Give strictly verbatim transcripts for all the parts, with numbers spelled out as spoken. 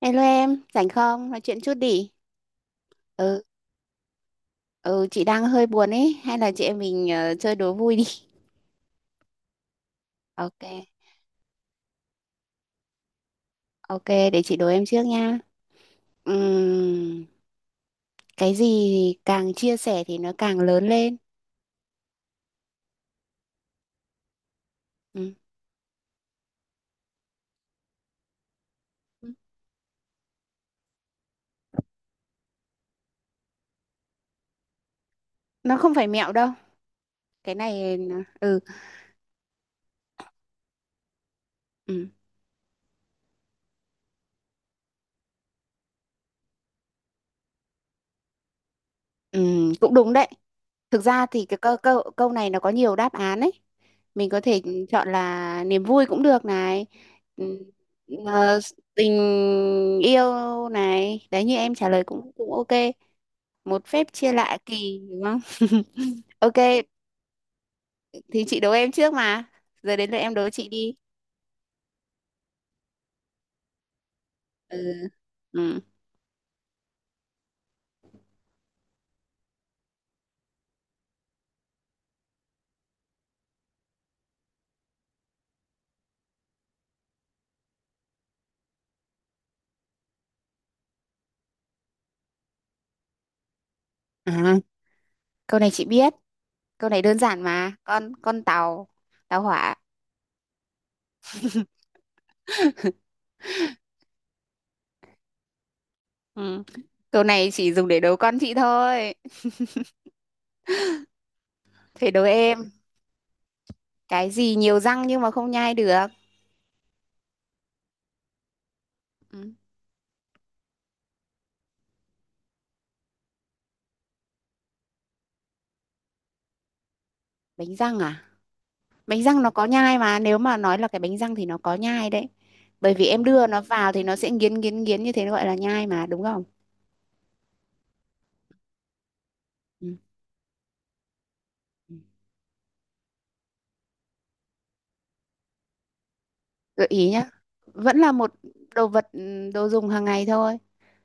Hello em, rảnh không? Nói chuyện chút đi. Ừ, ừ chị đang hơi buồn ấy, hay là chị em mình ờ, chơi đố vui đi. Ok, ok, để chị đố em trước nha. Ừm, cái gì thì càng chia sẻ thì nó càng lớn lên. Ừ. Nó không phải mẹo đâu. Cái này nó- ừ, ừ, ừ, cũng đúng đấy. Thực ra thì cái câu câu câu này nó có nhiều đáp án ấy. Mình có thể chọn là niềm vui cũng được này. Ừm, ờ, tình yêu này. Đấy như em trả lời cũng cũng ok. Một phép chia lạ kỳ đúng không? Ok, thì chị đố em trước mà. Giờ đến lượt em đố chị đi. Ừ. Ừ. À, câu này chị biết. Câu này đơn giản mà. Con con tàu, tàu hỏa. Ừ. Câu này chỉ dùng để đố con chị thôi. Phải đố em. Cái gì nhiều răng nhưng mà không nhai được? Ừ. Bánh răng à? Bánh răng nó có nhai mà, nếu mà nói là cái bánh răng thì nó có nhai đấy, bởi vì em đưa nó vào thì nó sẽ nghiến nghiến nghiến như thế, nó gọi là nhai mà, đúng không? Ừ. Ừ. Gợi ý nhá. Vẫn là một đồ vật, ừ, đồ dùng hàng ngày thôi.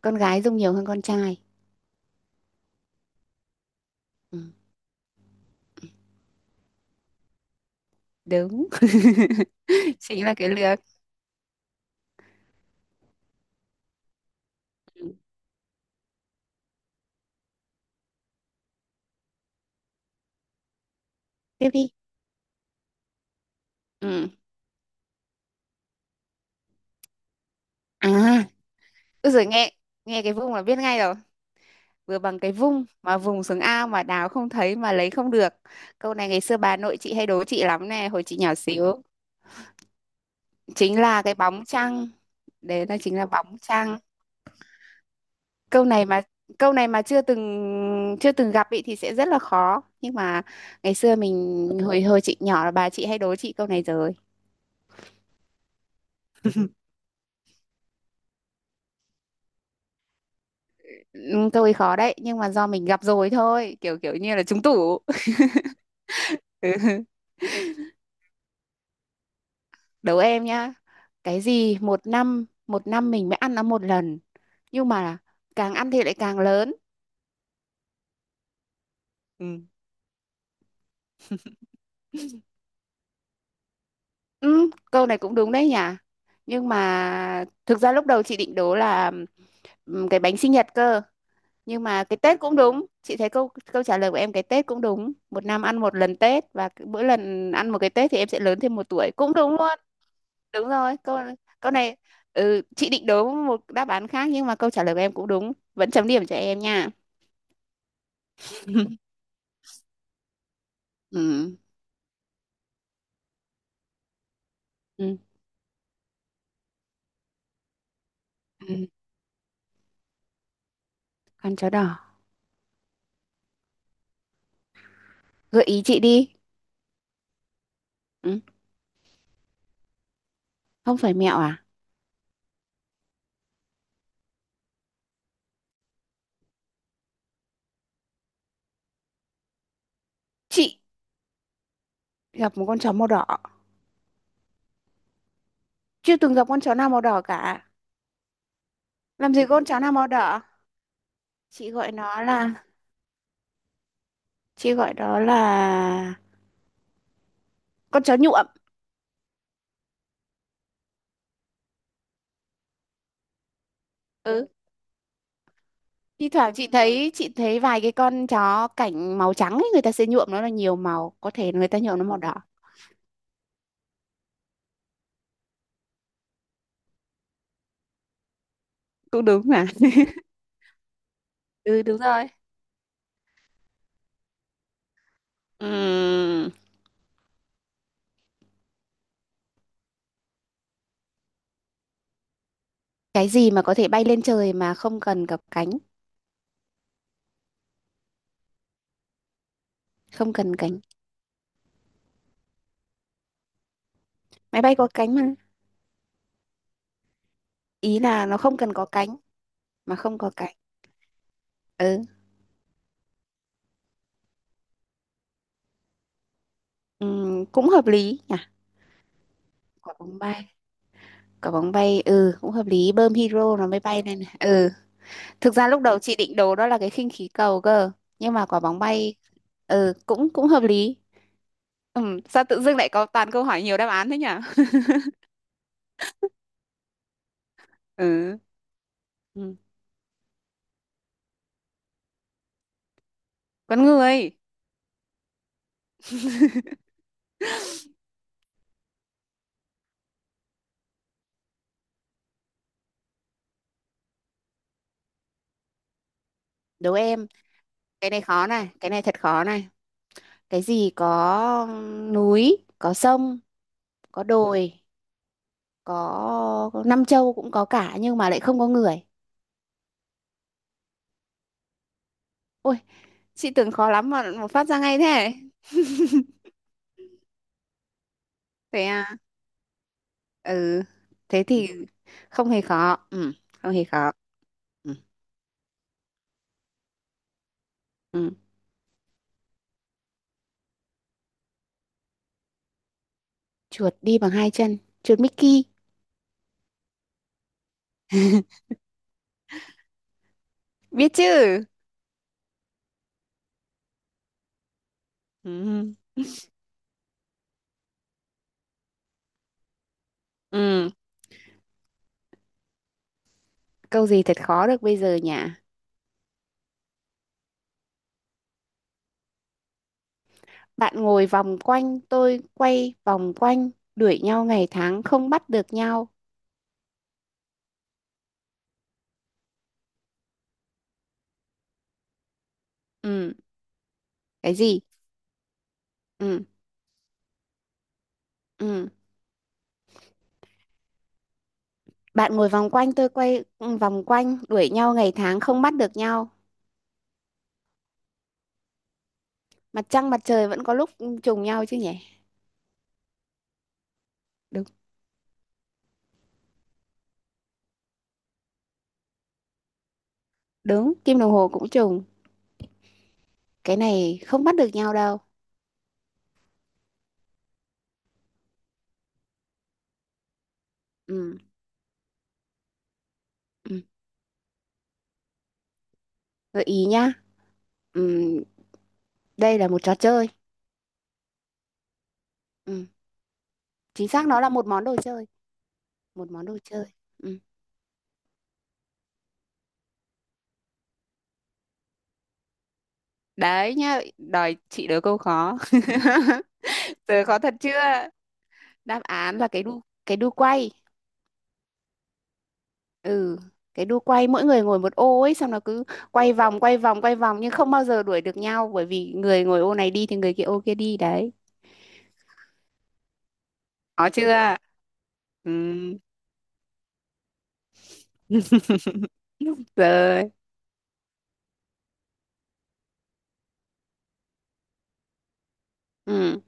Con gái dùng nhiều hơn con trai. Ừ. Đúng. Chính là cái lược. Ừ. Tiếp đi. Ừ. À, rồi, nghe nghe cái vùng là biết ngay rồi. Vừa bằng cái vung mà vùng xuống ao mà đào không thấy mà lấy không được. Câu này ngày xưa bà nội chị hay đố chị lắm nè, hồi chị nhỏ xíu. Chính là cái bóng trăng. Đấy là chính là bóng trăng. Câu này mà, câu này mà chưa từng chưa từng gặp ý thì sẽ rất là khó, nhưng mà ngày xưa mình hồi hồi chị nhỏ là bà chị hay đố chị câu này rồi. Ừ, câu ấy khó đấy, nhưng mà do mình gặp rồi thôi, kiểu kiểu như là trúng tủ. Đố em nhá. Cái gì một năm, một năm mình mới ăn nó một lần, nhưng mà càng ăn thì lại càng lớn? Ừ. Ừ, câu này cũng đúng đấy nhỉ. Nhưng mà thực ra lúc đầu chị định đố là ừm, cái bánh sinh nhật cơ. Nhưng mà cái Tết cũng đúng. Chị thấy câu câu trả lời của em cái Tết cũng đúng. Một năm ăn một lần Tết, và cứ mỗi lần ăn một cái Tết thì em sẽ lớn thêm một tuổi. Cũng đúng luôn. Đúng rồi. Câu câu này, ừ, chị định đố một đáp án khác, nhưng mà câu trả lời của em cũng đúng. Vẫn chấm điểm cho em nha. Ừ. Ừ. Ừ. Con chó đỏ. Gợi ý chị đi. Ừ. Không phải mẹo à? Chị gặp một con chó màu đỏ? Chưa từng gặp con chó nào màu đỏ cả. Làm gì có con chó nào màu đỏ. Chị gọi nó là, chị gọi đó là con chó nhuộm. Ừ, thi thoảng chị thấy chị thấy vài cái con chó cảnh màu trắng ấy, người ta sẽ nhuộm nó là nhiều màu, có thể người ta nhuộm nó màu đỏ. Cũng đúng mà. Ừ, đúng rồi. Ừm, cái gì mà có thể bay lên trời mà không cần gặp cánh? Không cần cánh. Máy bay có cánh mà. Ý là nó không cần có cánh, mà không có cánh. Ừ. Ừm, cũng hợp lý nhỉ. Quả bóng bay. Quả bóng bay, ừ, cũng hợp lý, bơm hydro nó mới bay lên này. Ừ, thực ra lúc đầu chị định đồ đó là cái khinh khí cầu cơ, nhưng mà quả bóng bay ừ cũng cũng hợp lý. Ừ, sao tự dưng lại có toàn câu hỏi nhiều đáp án thế nhỉ? Ừ, ừ. Con người. Đố em. Cái này khó này, cái này thật khó này. Cái gì có núi, có sông, có đồi, có năm châu cũng có cả, nhưng mà lại không có người? Ôi, chị tưởng khó lắm mà mà phát ra ngay thế. Thế à? Ừ. Thế thì không hề khó. Ừ, không hề khó. Ừ. Ừ. Chuột đi bằng hai chân? Chuột Mickey. Biết chứ. Ừ. Ừ, câu gì thật khó được bây giờ nhỉ? Bạn ngồi vòng quanh, tôi quay vòng quanh, đuổi nhau ngày tháng không bắt được nhau. Ừ. Cái gì? Ừ. Ừ. Bạn ngồi vòng quanh, tôi quay, ừ, vòng quanh, đuổi nhau ngày tháng không bắt được nhau. Mặt trăng mặt trời vẫn có lúc trùng nhau chứ nhỉ? Đúng. Đúng, kim đồng hồ cũng trùng. Cái này không bắt được nhau đâu. Ừ, ừ. Gợi ý nhá. Ừ, đây là một trò chơi. Ừ, chính xác nó là một món đồ chơi, một món đồ chơi. Ừ. Đấy nhá, đòi chị đố câu khó. Từ khó thật chưa? Đáp án là cái đu, cái đu quay. Ừ, cái đu quay, mỗi người ngồi một ô ấy, xong nó cứ quay vòng quay vòng quay vòng nhưng không bao giờ đuổi được nhau, bởi vì người ngồi ô này đi thì người kia ô kia đi đấy. Có chưa? Ừ. Rồi. Ừ.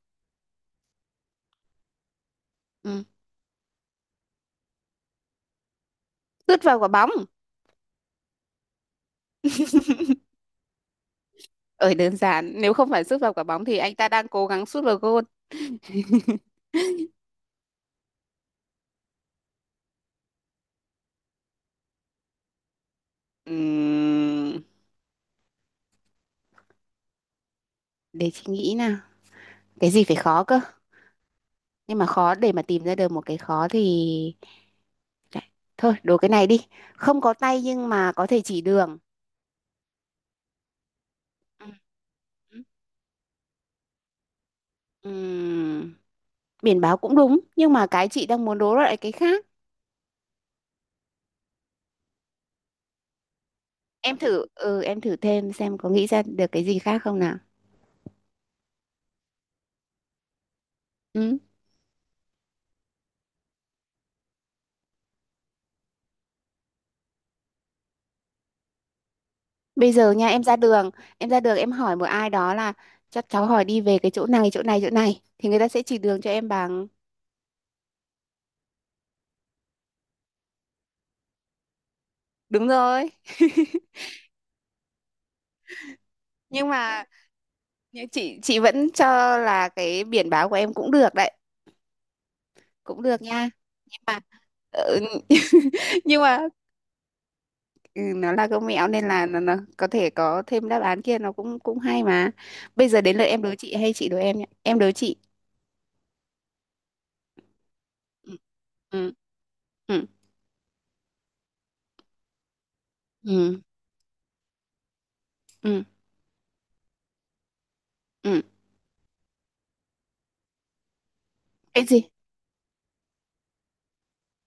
Ừ. Sút vào quả bóng. Ở đơn giản, nếu không phải sút vào quả bóng thì anh ta đang cố gắng sút vào gôn. Ừm, để chị nghĩ nào. Cái gì phải khó cơ, nhưng mà khó để mà tìm ra được một cái khó thì, thôi đố cái này đi. Không có tay nhưng mà có thể chỉ đường. Ừ. Ừm, biển báo cũng đúng nhưng mà cái chị đang muốn đố lại cái khác. Em thử, ừ, em thử thêm xem có nghĩ ra được cái gì khác không nào. Ừ. Bây giờ nha, em ra đường, em ra đường, em hỏi một ai đó là chắc cháu hỏi đi về cái chỗ này chỗ này chỗ này, thì người ta sẽ chỉ đường cho em bằng. Đúng rồi. Nhưng mà, nhưng chị chị vẫn cho là cái biển báo của em cũng được đấy. Cũng được nha. Nhưng mà, ừ, nhưng mà ừ, nó là công mẹo nên là nó, nó có thể có thêm đáp án kia, nó cũng cũng hay mà. Bây giờ đến lượt em đố chị hay chị đố em nhé. Em đố chị. Ừ. Ừ. Ừ. Ừ. Ừ. Ừ. Cái gì?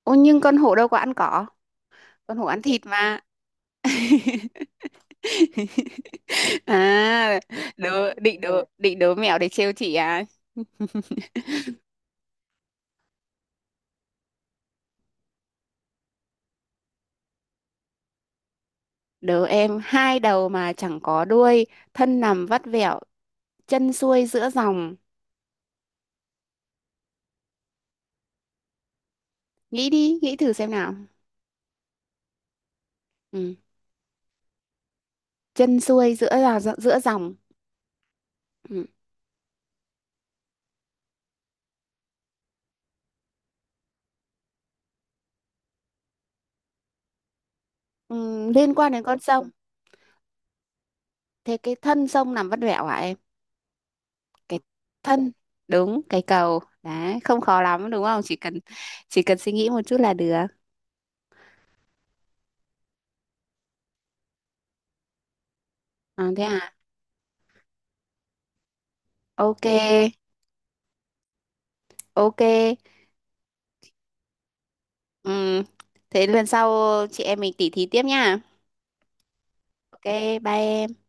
Ô nhưng con hổ đâu có ăn cỏ. Con hổ ăn thịt mà. À, đố, định đố, định đố mẹo để trêu chị à? Đố em hai đầu mà chẳng có đuôi, thân nằm vắt vẹo, chân xuôi giữa dòng. Nghĩ đi, nghĩ thử xem nào. Ừ. Chân xuôi giữa là giữa dòng. Ừ. Ừ, liên quan đến con sông. Thế cái thân sông nằm vắt vẻo hả em? Cái thân. Đúng cái cầu đấy, không khó lắm đúng không, chỉ cần, chỉ cần suy nghĩ một chút là được. À, thế à. Ok. Ok. Ừ. Thế lần sau chị em mình tỉ thí tiếp nha. Ok, bye em.